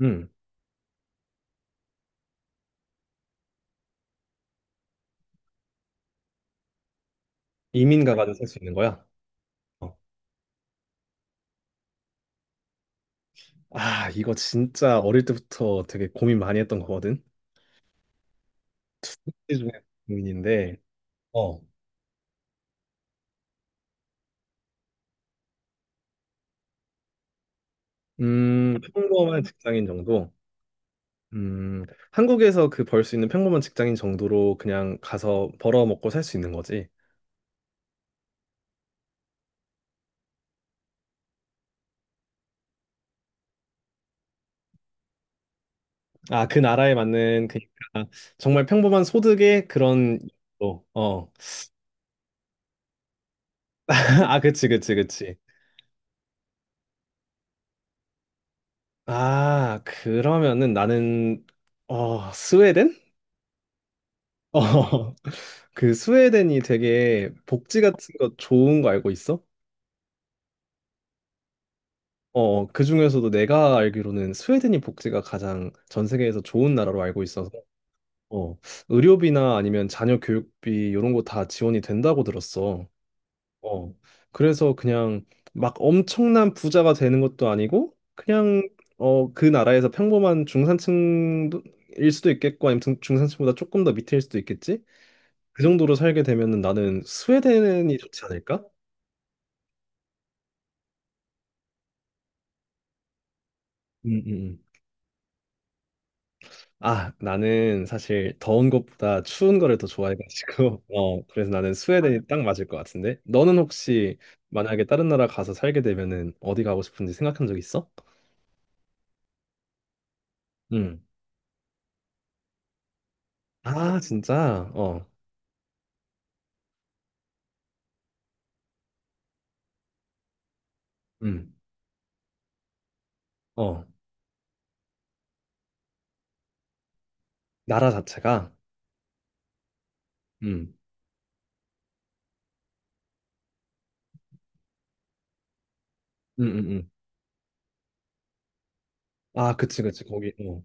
음, 이민 가가지고 살 수 있는 거야. 어. 아, 이거 진짜 어릴 때부터 되게 고민 많이 했던 거거든. 이 중에 고민인데, 어, 평범한 직장인 정도. 음, 한국에서 그 벌 수 있는 평범한 직장인 정도로 그냥 가서 벌어 먹고 살 수 있는 거지. 아, 그 나라에 맞는 그러니까 정말 평범한 소득의 그런. 어, 어. 아, 그치, 그치, 그치. 아, 그러면은 나는 스웨덴? 어, 그 스웨덴이 되게 복지 같은 거 좋은 거 알고 있어? 어, 그 중에서도 내가 알기로는 스웨덴이 복지가 가장 전 세계에서 좋은 나라로 알고 있어서 어, 의료비나 아니면 자녀 교육비 이런 거 다 지원이 된다고 들었어. 어, 그래서 그냥 막 엄청난 부자가 되는 것도 아니고 그냥 어, 그 나라에서 평범한 중산층일 수도 있겠고 아니면 중산층보다 조금 더 밑일 수도 있겠지? 그 정도로 살게 되면은 나는 스웨덴이 좋지 않을까? 음, 음, 음. 아, 나는 사실 더운 것보다 추운 거를 더 좋아해가지고, 어, 그래서 나는 스웨덴이 딱 맞을 것 같은데? 너는 혹시 만약에 다른 나라 가서 살게 되면은 어디 가고 싶은지 생각한 적 있어? 음, 아, 진짜? 어, 음, 어, 나라 자체가? 음, 음, 음, 음. 아, 그치, 그치. 거기, 어,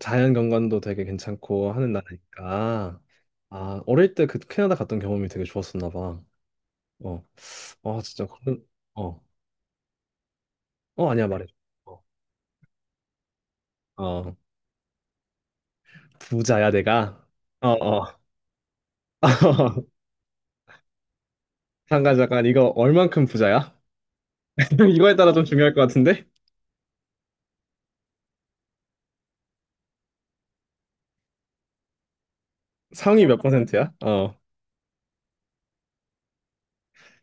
자연 경관도 되게 괜찮고 하는 나라니까. 아, 어릴 때 그 캐나다 갔던 경험이 되게 좋았었나 봐. 어. 어, 진짜 그런. 어. 어, 아니야, 말해. 어. 어. 부자야 내가. 어, 어. 잠깐 잠깐 이거 얼만큼 부자야? 이거에 따라 좀 중요할 것 같은데. 상위 몇 퍼센트야? 어.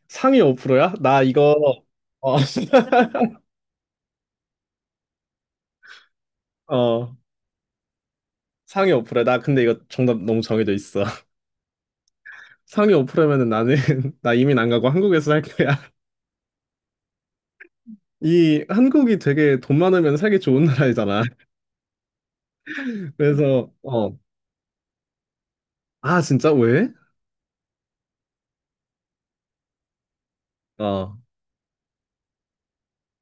상위 5%야? 나 이거 어. 어. 상위 5%야. 나 근데 이거 정답 너무 정해져 있어. 상위 5%면은 나는 나 이민 안 가고 한국에서 살 거야. 이 한국이 되게 돈 많으면 살기 좋은 나라이잖아. 그래서 어. 아, 진짜 왜? 어.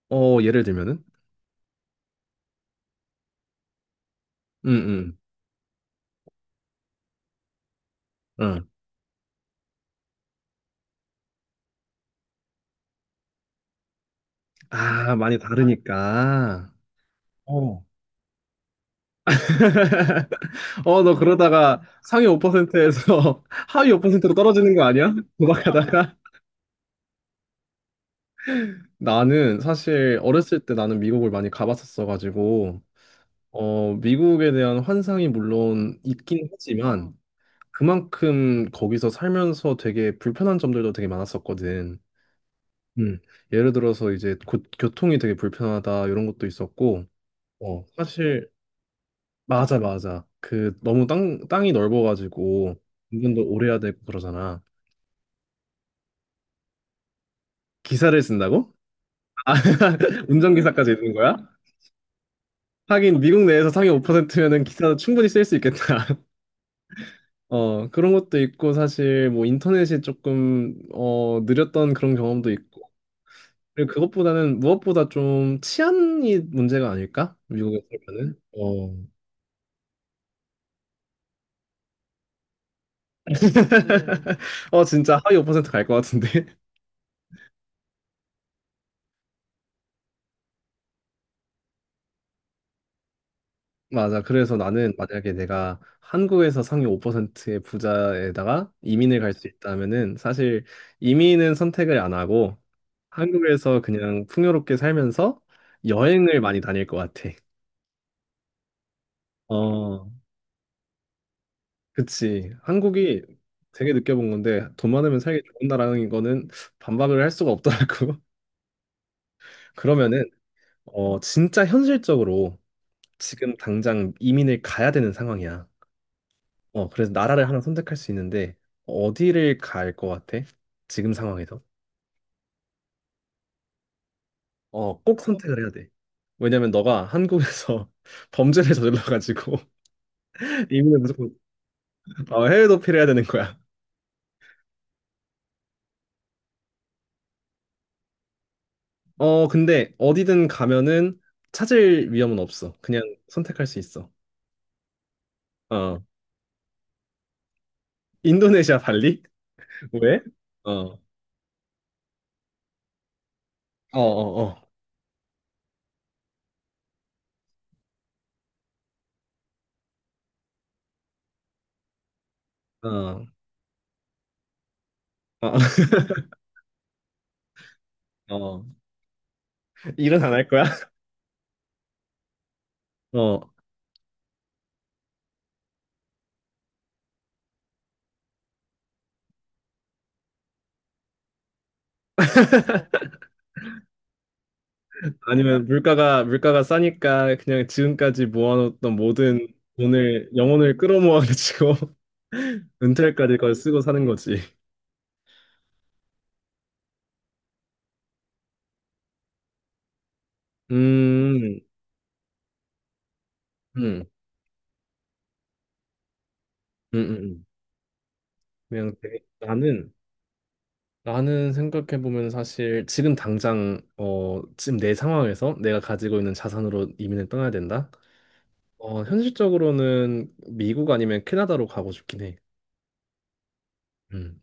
어, 예를 들면은 응, 응, 응. 아, 많이 다르니까. 어. 어, 너 그러다가 상위 5%에서 하위 5%로 떨어지는 거 아니야? 도박하다가? 나는 사실 어렸을 때 나는 미국을 많이 가봤었어가지고, 어, 미국에 대한 환상이 물론 있긴 하지만, 그만큼 거기서 살면서 되게 불편한 점들도 되게 많았었거든. 음, 예를 들어서 이제 고, 교통이 되게 불편하다 이런 것도 있었고, 어, 사실 맞아, 맞아. 그 너무 땅 땅이 넓어가지고 운전도 오래 해야 되고 그러잖아. 기사를 쓴다고? 운전기사까지 있는 거야? 하긴 미국 내에서 상위 5%면은 기사도 충분히 쓸 수 있겠다. 어, 그런 것도 있고 사실 뭐 인터넷이 조금 어, 느렸던 그런 경험도 있고. 그리고 그것보다는 무엇보다 좀 치안이 문제가 아닐까? 미국에 살면은. 어. 어, 진짜 하위 5%갈 것 같은데. 맞아. 그래서 나는 만약에 내가 한국에서 상위 5%의 부자에다가 이민을 갈 수 있다면은 사실 이민은 선택을 안 하고 한국에서 그냥 풍요롭게 살면서 여행을 많이 다닐 것 같아. 어, 그치. 한국이 되게 느껴본 건데 돈 많으면 살기 좋은 나라는 거는 반박을 할 수가 없더라고. 그러면은 어, 진짜 현실적으로 지금 당장 이민을 가야 되는 상황이야. 어, 그래서 나라를 하나 선택할 수 있는데 어디를 갈 것 같아? 지금 상황에서? 어, 꼭 선택을 해야 돼. 왜냐면 너가 한국에서 범죄를 저질러가지고 이민을 무조건 어, 해외 도피를 해야 되는 거야. 어, 근데 어디든 가면은 찾을 위험은 없어. 그냥 선택할 수 있어. 어, 인도네시아 발리? 왜? 어, 어, 어, 어, 어, 어, 어. 일은 안 할 거야? 어 아니면 물가가 싸니까 그냥 지금까지 모아놓던 모든 돈을 영혼을 끌어모아가지고 은퇴할까지 그걸 쓰고 사는 거지. 음, 음, 음, 음, 음. 그냥 되게 나는 생각해 보면 사실 지금 당장 어 지금 내 상황에서 내가 가지고 있는 자산으로 이민을 떠나야 된다. 어 현실적으로는 미국 아니면 캐나다로 가고 싶긴 해. 음.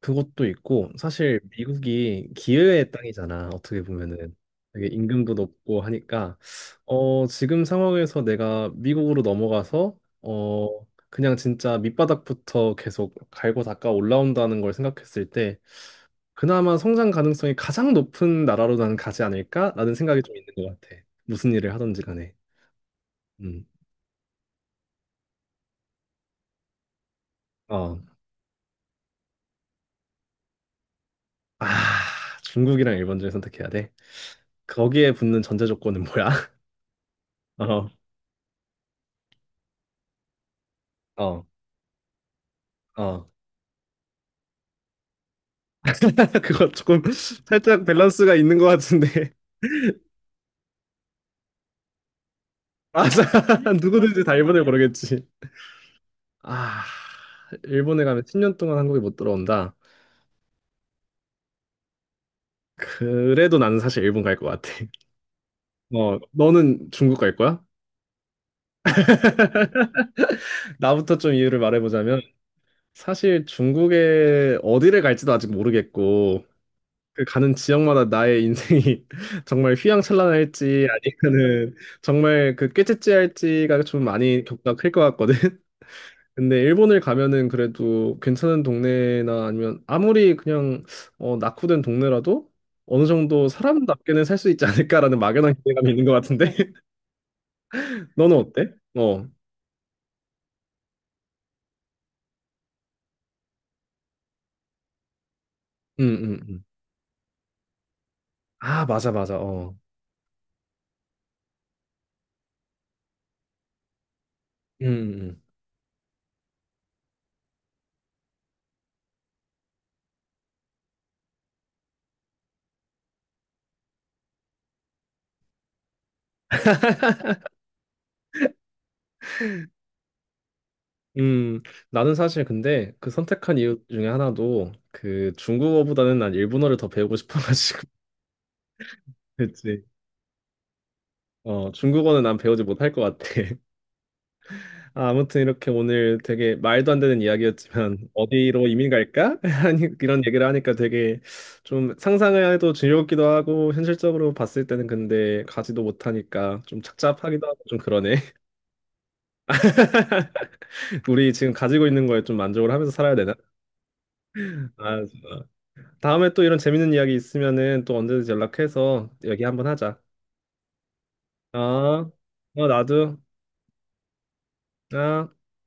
그것도 있고 사실 미국이 기회의 땅이잖아. 어떻게 보면은 되게 임금도 높고 하니까 어 지금 상황에서 내가 미국으로 넘어가서 어 그냥 진짜 밑바닥부터 계속 갈고 닦아 올라온다는 걸 생각했을 때 그나마 성장 가능성이 가장 높은 나라로 나는 가지 않을까라는 생각이 좀 있는 것 같아. 무슨 일을 하든지 간에. 음. 어. 아, 중국이랑 일본 중에 선택해야 돼. 거기에 붙는 전제 조건은 뭐야? 어. 어. 어. 그거 조금 살짝 밸런스가 있는 것 같은데. 맞아. 누구든지 다 일본을 고르겠지. 아, 일본에 가면 10년 동안 한국에 못 들어온다. 그래도 나는 사실 일본 갈 것 같아. 어, 너는 중국 갈 거야? 나부터 좀 이유를 말해보자면 사실 중국에 어디를 갈지도 아직 모르겠고 그 가는 지역마다 나의 인생이 정말 휘황찬란할지 아니면은 정말 그 꾀째째할지가 좀 많이 격차가 클 것 같거든. 근데 일본을 가면은 그래도 괜찮은 동네나 아니면 아무리 그냥 어, 낙후된 동네라도 어느 정도 사람답게는 살 수 있지 않을까라는 막연한 기대감이 있는 것 같은데. 너는 어때? 어, 음, 음. 아, 맞아, 맞아. 어, 음, 음. 음, 음, 나는 사실 근데 그 선택한 이유 중에 하나도 그 중국어보다는 난 일본어를 더 배우고 싶어가지고. 그랬지. 어, 중국어는 난 배우지 못할 것 같아. 아, 아무튼 이렇게 오늘 되게 말도 안 되는 이야기였지만 어디로 이민 갈까? 아니, 이런 얘기를 하니까 되게 좀 상상을 해도 즐겁기도 하고 현실적으로 봤을 때는 근데 가지도 못하니까 좀 착잡하기도 하고 좀 그러네. 우리 지금 가지고 있는 거에 좀 만족을 하면서 살아야 되나? 아, 진짜. 다음에 또 이런 재밌는 이야기 있으면은 또 언제든지 연락해서 얘기 한번 하자. 아, 어, 나도. 아.